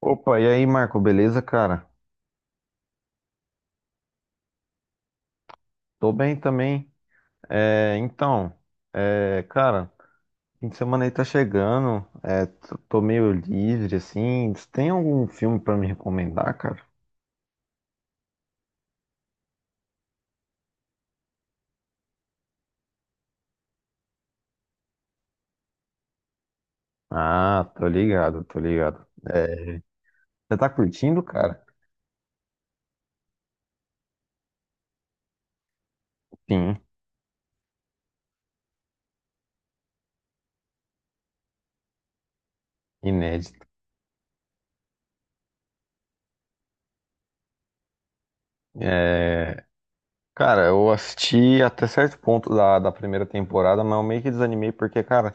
Opa, e aí, Marco, beleza, cara? Tô bem também. É, então, cara, fim de semana aí tá chegando, tô meio livre, assim. Você tem algum filme pra me recomendar, cara? Ah, tô ligado, tô ligado. É, você tá curtindo, cara? Sim, inédito. É, cara, eu assisti até certo ponto da primeira temporada, mas eu meio que desanimei porque, cara,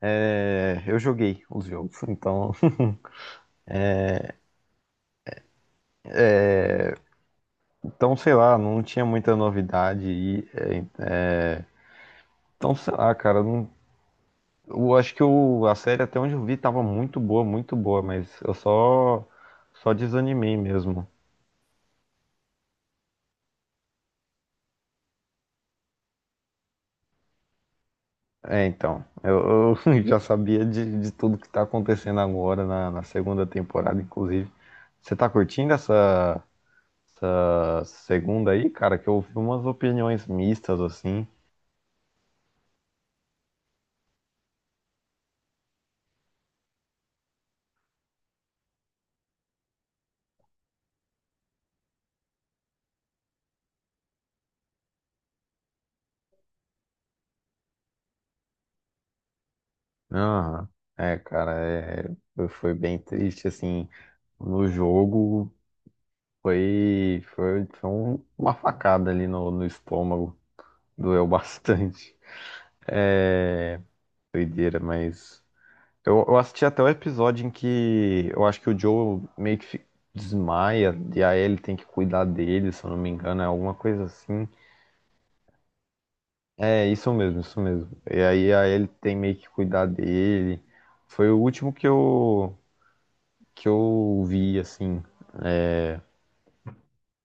eu joguei os jogos, então. Não tinha muita novidade. Então, sei lá, cara, eu acho que a série, até onde eu vi, tava muito boa, mas só desanimei mesmo. Eu já sabia de tudo que tá acontecendo agora na segunda temporada, inclusive. Você tá curtindo essa segunda aí, cara? Que eu ouvi umas opiniões mistas, assim. Aham. É, cara, foi bem triste, assim, no jogo. Uma facada ali no estômago. Doeu bastante. É, doideira, mas. Eu assisti até o episódio em que eu acho que o Joe meio que desmaia e a Ellie tem que cuidar dele, se eu não me engano, é alguma coisa assim. É, isso mesmo, isso mesmo. E aí a Ellie tem meio que cuidar dele. Foi o último que eu vi, assim.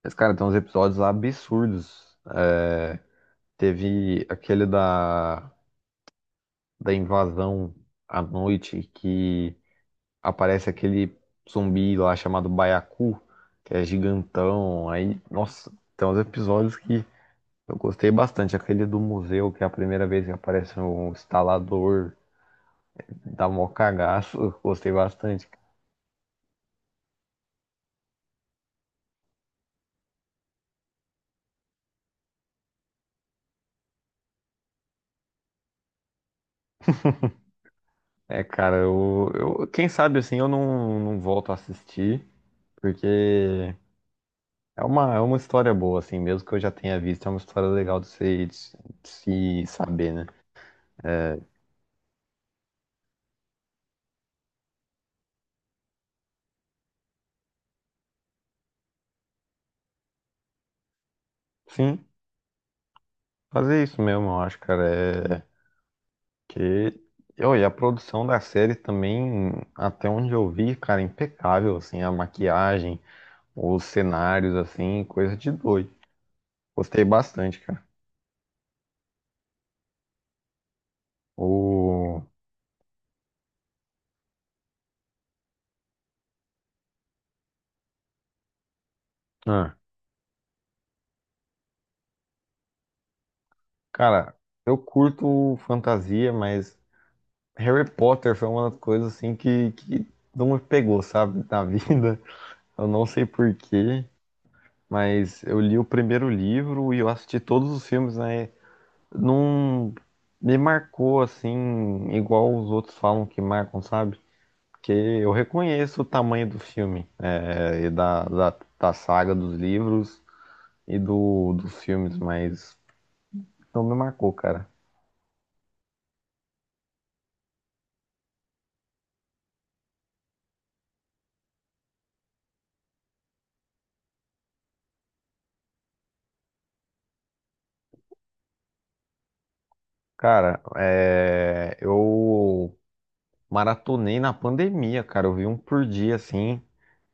Mas, cara, tem uns episódios absurdos. É, Teve aquele da. Da invasão à noite que aparece aquele zumbi lá chamado Baiacu, que é gigantão. Aí, nossa, tem uns episódios que eu gostei bastante. Aquele do museu, que é a primeira vez que aparece um instalador, dá mó cagaço, eu gostei bastante. É, cara, quem sabe assim eu não, não volto a assistir, porque é uma história boa, assim, mesmo que eu já tenha visto, é uma história legal de se saber, né? É, sim, fazer isso mesmo, eu acho, cara. É que. Ô, e a produção da série também, até onde eu vi, cara, impecável, assim, a maquiagem, os cenários, assim, coisa de doido. Gostei bastante, cara. O. Ah, cara, eu curto fantasia, mas Harry Potter foi uma das coisas, assim, que não me pegou, sabe, na vida. Eu não sei por quê, mas eu li o primeiro livro e eu assisti todos os filmes, né? Não me marcou assim, igual os outros falam que marcam, sabe? Porque eu reconheço o tamanho do filme, da saga dos livros e dos filmes, mas não me marcou, cara. Eu maratonei na pandemia, cara. Eu vi um por dia, assim.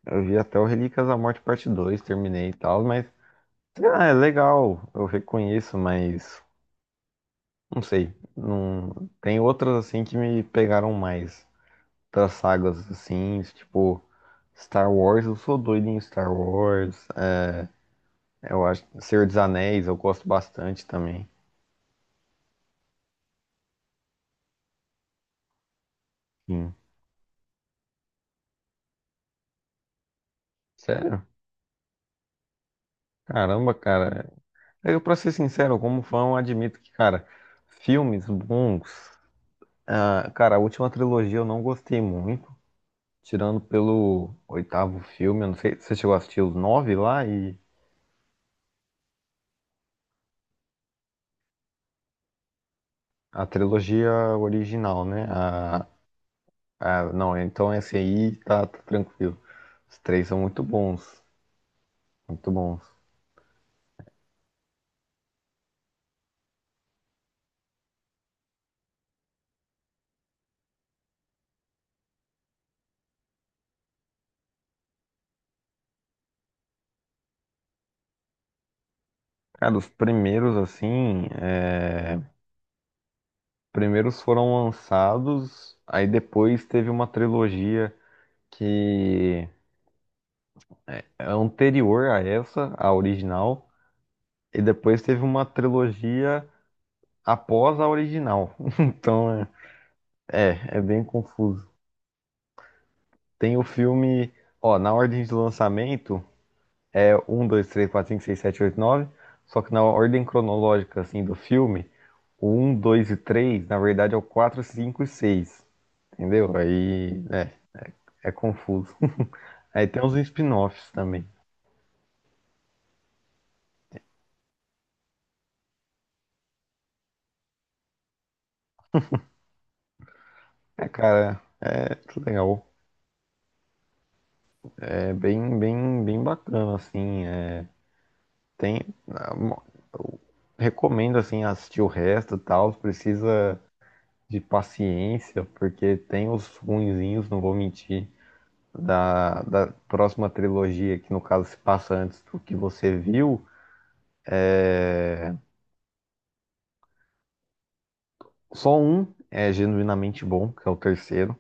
Eu vi até o Relíquias da Morte Parte 2, terminei e tal, mas ah, é legal, eu reconheço, mas não sei. Não. Tem outras assim que me pegaram mais. Outras sagas assim, tipo Star Wars, eu sou doido em Star Wars. Eu acho Senhor dos Anéis, eu gosto bastante também. Sim. Sério? Caramba, cara. Eu, pra ser sincero, como fã, eu admito que, cara, filmes bons. Ah, cara, a última trilogia eu não gostei muito. Tirando pelo oitavo filme, eu não sei, você chegou a assistir os nove lá e a trilogia original, né? A. Ah, não, então esse aí tá, tá tranquilo. Os três são muito bons, muito bons. Cara, os primeiros, assim, é. Primeiros foram lançados, aí depois teve uma trilogia que é anterior a essa, a original, e depois teve uma trilogia após a original. Então, é, é bem confuso. Tem o filme, ó, na ordem de lançamento, é 1, 2, 3, 4, 5, 6, 7, 8, 9. Só que na ordem cronológica, assim, do filme, o 1, 2 e 3 na verdade, é o 4, 5 e 6. Entendeu? É confuso. Aí tem os spin-offs também. É, cara, é tudo legal. É bem, bem, bem bacana, assim. Tem... Eu recomendo, assim, assistir o resto e tal. Precisa de paciência, porque tem os ruinzinhos, não vou mentir. Da próxima trilogia, que no caso se passa antes do que você viu, só um é genuinamente bom, que é o terceiro.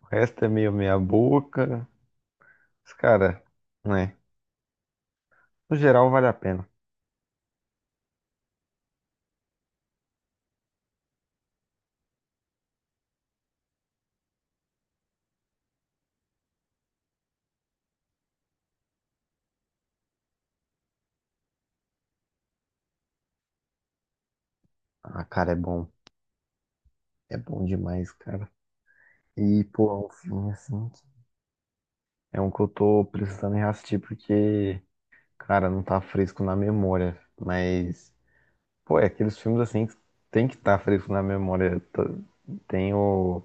O resto é meio meia boca. Mas, cara, né? No geral vale a pena. Ah, cara, é bom. É bom demais, cara. E, pô, é um filme assim. Que é um que eu tô precisando reassistir porque, cara, não tá fresco na memória. Mas, pô, é aqueles filmes assim que tem que estar, tá fresco na memória. Tem o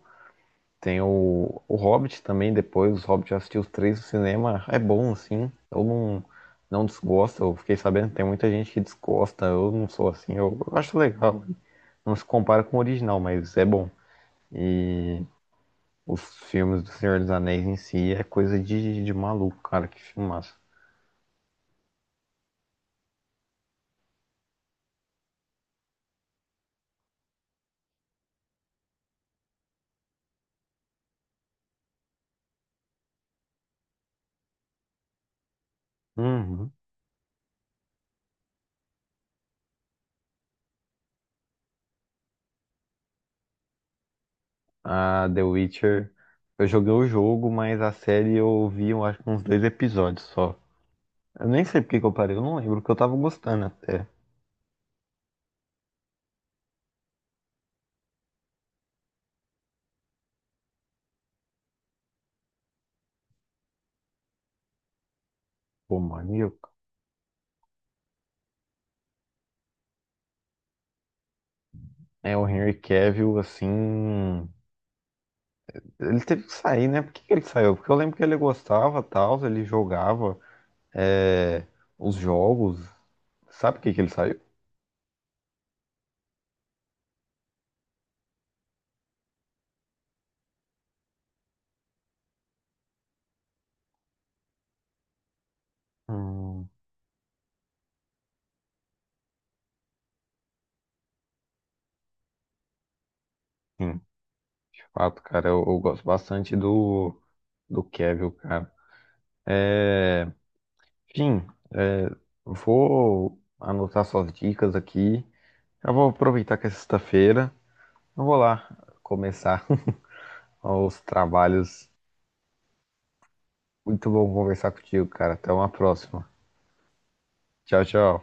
Tem o Hobbit também, depois, os Hobbit eu assisti os três no cinema, é bom, assim, eu não, não desgosto, eu fiquei sabendo que tem muita gente que desgosta, eu não sou assim, eu acho legal, não se compara com o original, mas é bom. E os filmes do Senhor dos Anéis em si é coisa de maluco, cara, que filmaço. Uhum. A The Witcher, eu joguei o jogo, mas a série eu vi, eu acho que uns dois episódios só. Eu nem sei por que que eu parei, eu não lembro, porque eu tava gostando até. Pô, mano, e eu é, o Henry Cavill, assim. Ele teve que sair, né? Por que que ele saiu? Porque eu lembro que ele gostava, tal, ele jogava, é, os jogos. Sabe por que que ele saiu? Hum, sim, de fato, cara, eu gosto bastante do, do Cavill, cara. É, enfim, é, vou anotar suas dicas aqui. Eu vou aproveitar que é sexta-feira. Eu vou lá começar os trabalhos. Muito bom conversar contigo, cara. Até uma próxima. Tchau, tchau.